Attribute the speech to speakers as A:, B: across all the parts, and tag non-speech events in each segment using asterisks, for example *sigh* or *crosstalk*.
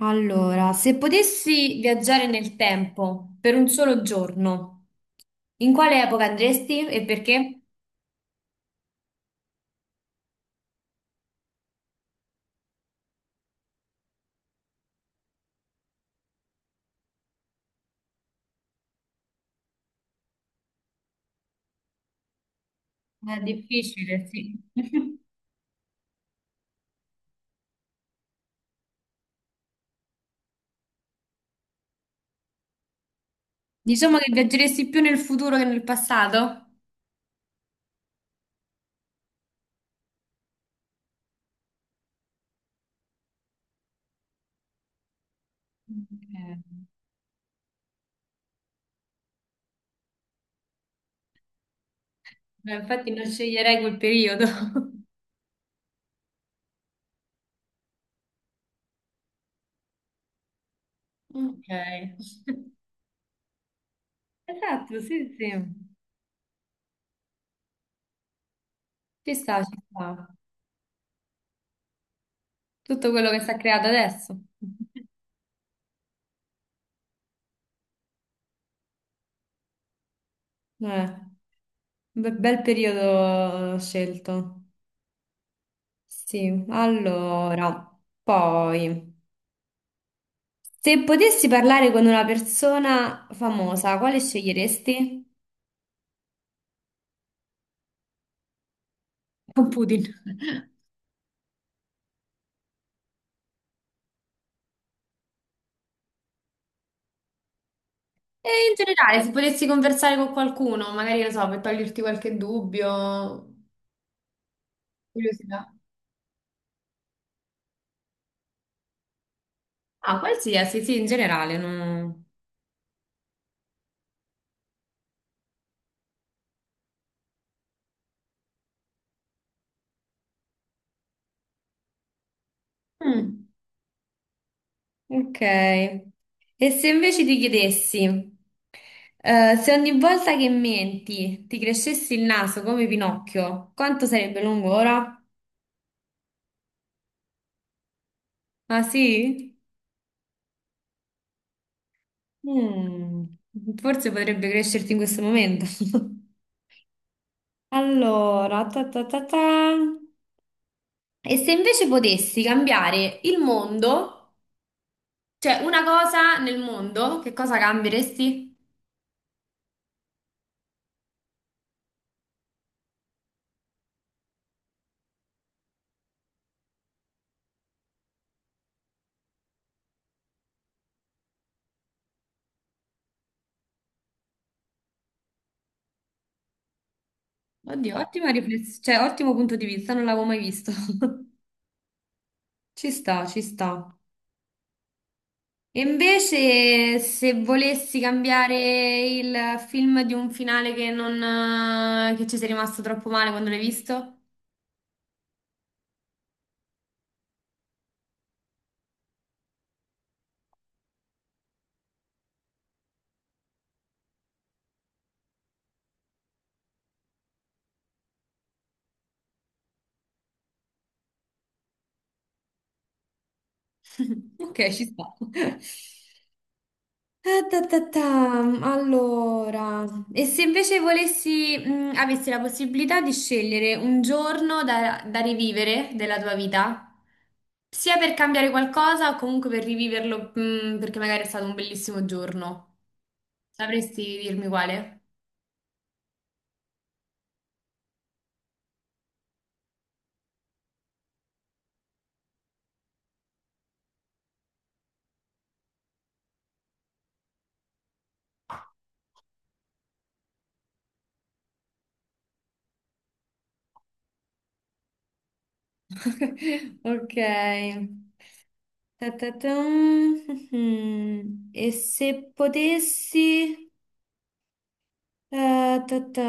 A: Allora, se potessi viaggiare nel tempo per un solo giorno, in quale epoca andresti e perché? È difficile, sì. *laughs* Diciamo che viaggeresti più nel futuro che nel passato? Ok. Infatti non sceglierei quel periodo. *laughs* Ok. Esatto, sì, sì. Ci sta, ci sta. Tutto quello che si è creato adesso. *laughs* Eh, bel periodo scelto. Sì, allora, poi, se potessi parlare con una persona famosa, quale sceglieresti? Con Putin. E in generale, se potessi conversare con qualcuno, magari, non so, per toglierti qualche dubbio, curiosità. Ah, qualsiasi, sì, in generale, no. Mm, ok. E se invece ti chiedessi, se ogni volta che menti ti crescessi il naso come Pinocchio, quanto sarebbe lungo ora? Ah sì? Mm, forse potrebbe crescerti in questo momento. *laughs* Allora, ta ta ta ta. E se invece potessi cambiare il mondo, cioè una cosa nel mondo, che cosa cambieresti? Oddio, ottima riflessione, cioè ottimo punto di vista, non l'avevo mai visto. *laughs* Ci sta, ci sta. E invece se volessi cambiare il film di un finale che non, che ci sei rimasto troppo male quando l'hai visto? *laughs* Ok, ci sta. Ah, ta, ta, ta. Allora, e se invece volessi, avessi la possibilità di scegliere un giorno da, da rivivere della tua vita, sia per cambiare qualcosa o comunque per riviverlo, perché magari è stato un bellissimo giorno, sapresti dirmi quale? *laughs* Ok. Ta, ta, ta. Mm, mm, mm. E se potessi... ta ta.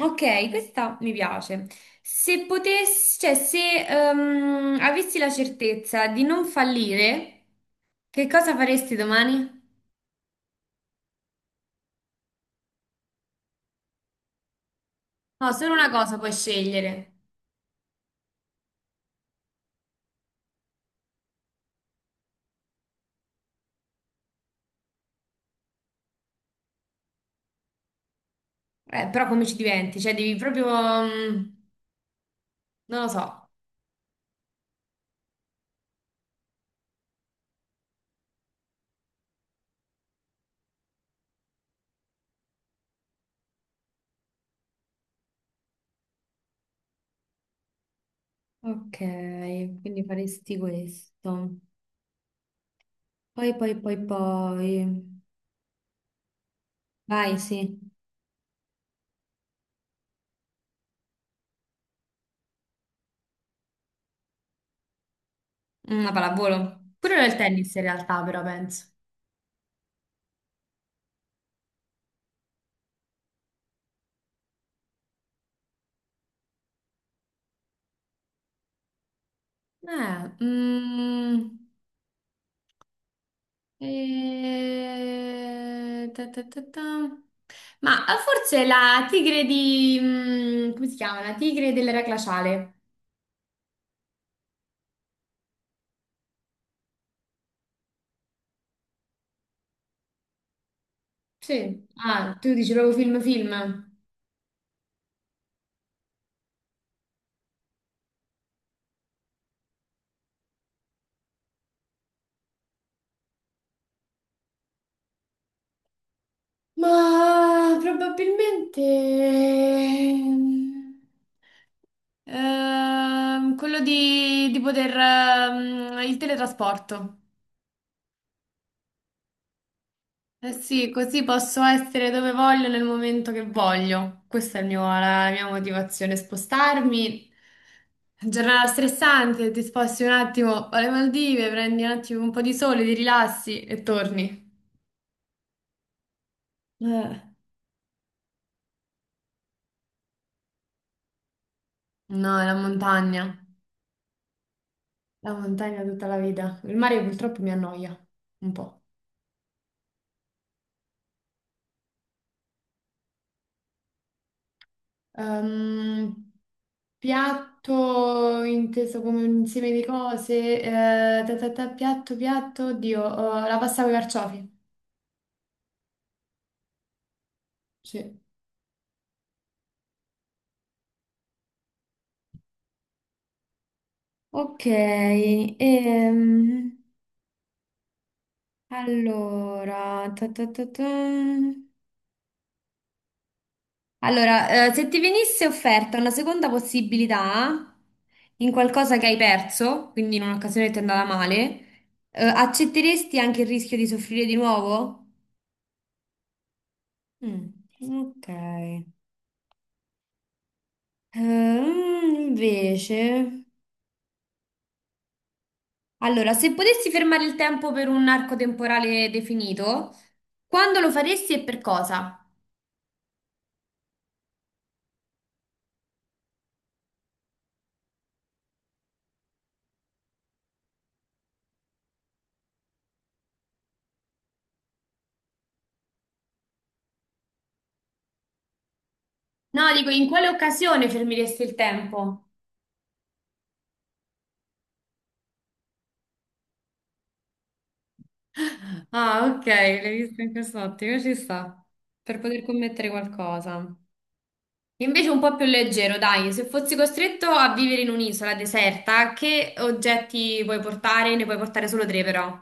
A: Ok, questa mi piace. Se potessi, cioè, se avessi la certezza di non fallire, che cosa faresti domani? No, solo una cosa puoi scegliere. Però come ci diventi? Cioè, devi proprio... mm, non lo so. Ok, quindi faresti questo. Poi, poi, poi, poi. Vai, sì. Una pallavolo. Pure nel tennis in realtà, però penso. Eh, mm. Ta ta ta ta. Ma forse la tigre di... mm, come si chiama? La tigre dell'era glaciale. Sì. Ah, tu dici proprio film film. Ma probabilmente... quello di poter... il teletrasporto. Eh sì, così posso essere dove voglio nel momento che voglio. Questa è la mia motivazione, spostarmi. Giornata stressante, ti sposti un attimo alle Maldive, prendi un attimo un po' di sole, ti rilassi e torni. Eh, No, è la montagna tutta la vita. Il mare purtroppo mi annoia un po'. Ehm, piatto inteso come un insieme di cose, ta ta ta, piatto, piatto, oddio, la pasta con i carciofi. Sì. Ok, allora, ta ta ta ta. Allora, se ti venisse offerta una seconda possibilità in qualcosa che hai perso, quindi in un'occasione che ti è andata male, accetteresti anche il rischio di soffrire di nuovo? Mm, ok. Invece, allora, se potessi fermare il tempo per un arco temporale definito, quando lo faresti e per cosa? No, dico, in quale occasione fermiresti il tempo? Ah, ok, l'hai visto in quest'ottica, ci sta. Per poter commettere qualcosa. Invece un po' più leggero, dai, se fossi costretto a vivere in un'isola deserta, che oggetti puoi portare? Ne puoi portare solo tre, però.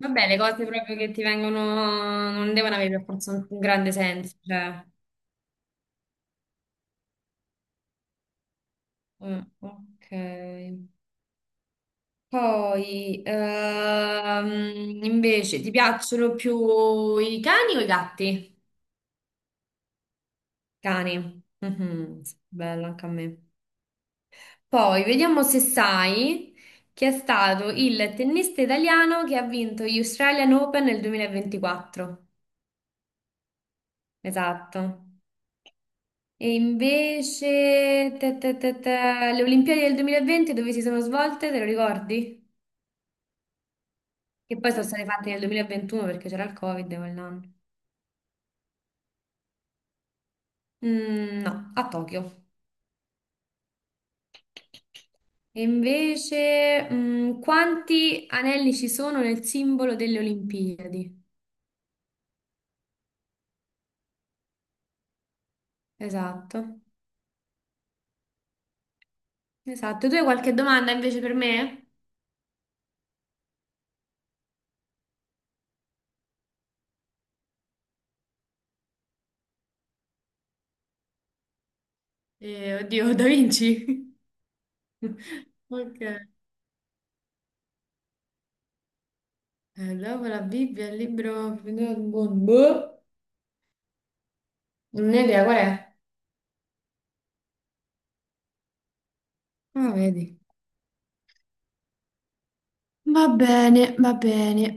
A: Vabbè, le cose proprio che ti vengono non devono avere per forza un grande senso, cioè. Mm, ok. Poi, invece, ti piacciono più i cani o i gatti? Cani. Mhm, bello anche a me. Poi vediamo se sai chi è stato il tennista italiano che ha vinto gli Australian Open nel 2024. Esatto. E invece le Olimpiadi del 2020 dove si sono svolte, te lo ricordi? Che poi sono state fatte nel 2021 perché c'era il Covid quell'anno. Mm, no, a Tokyo. E invece, mm, quanti anelli ci sono nel simbolo delle Olimpiadi? Esatto, esatto. Tu hai qualche domanda invece per me? Oddio, Da Vinci? *laughs* Ok. Dopo la Bibbia, il libro... Boh, non ne ho idea, qual è? Ah, vedi. Va bene, va bene.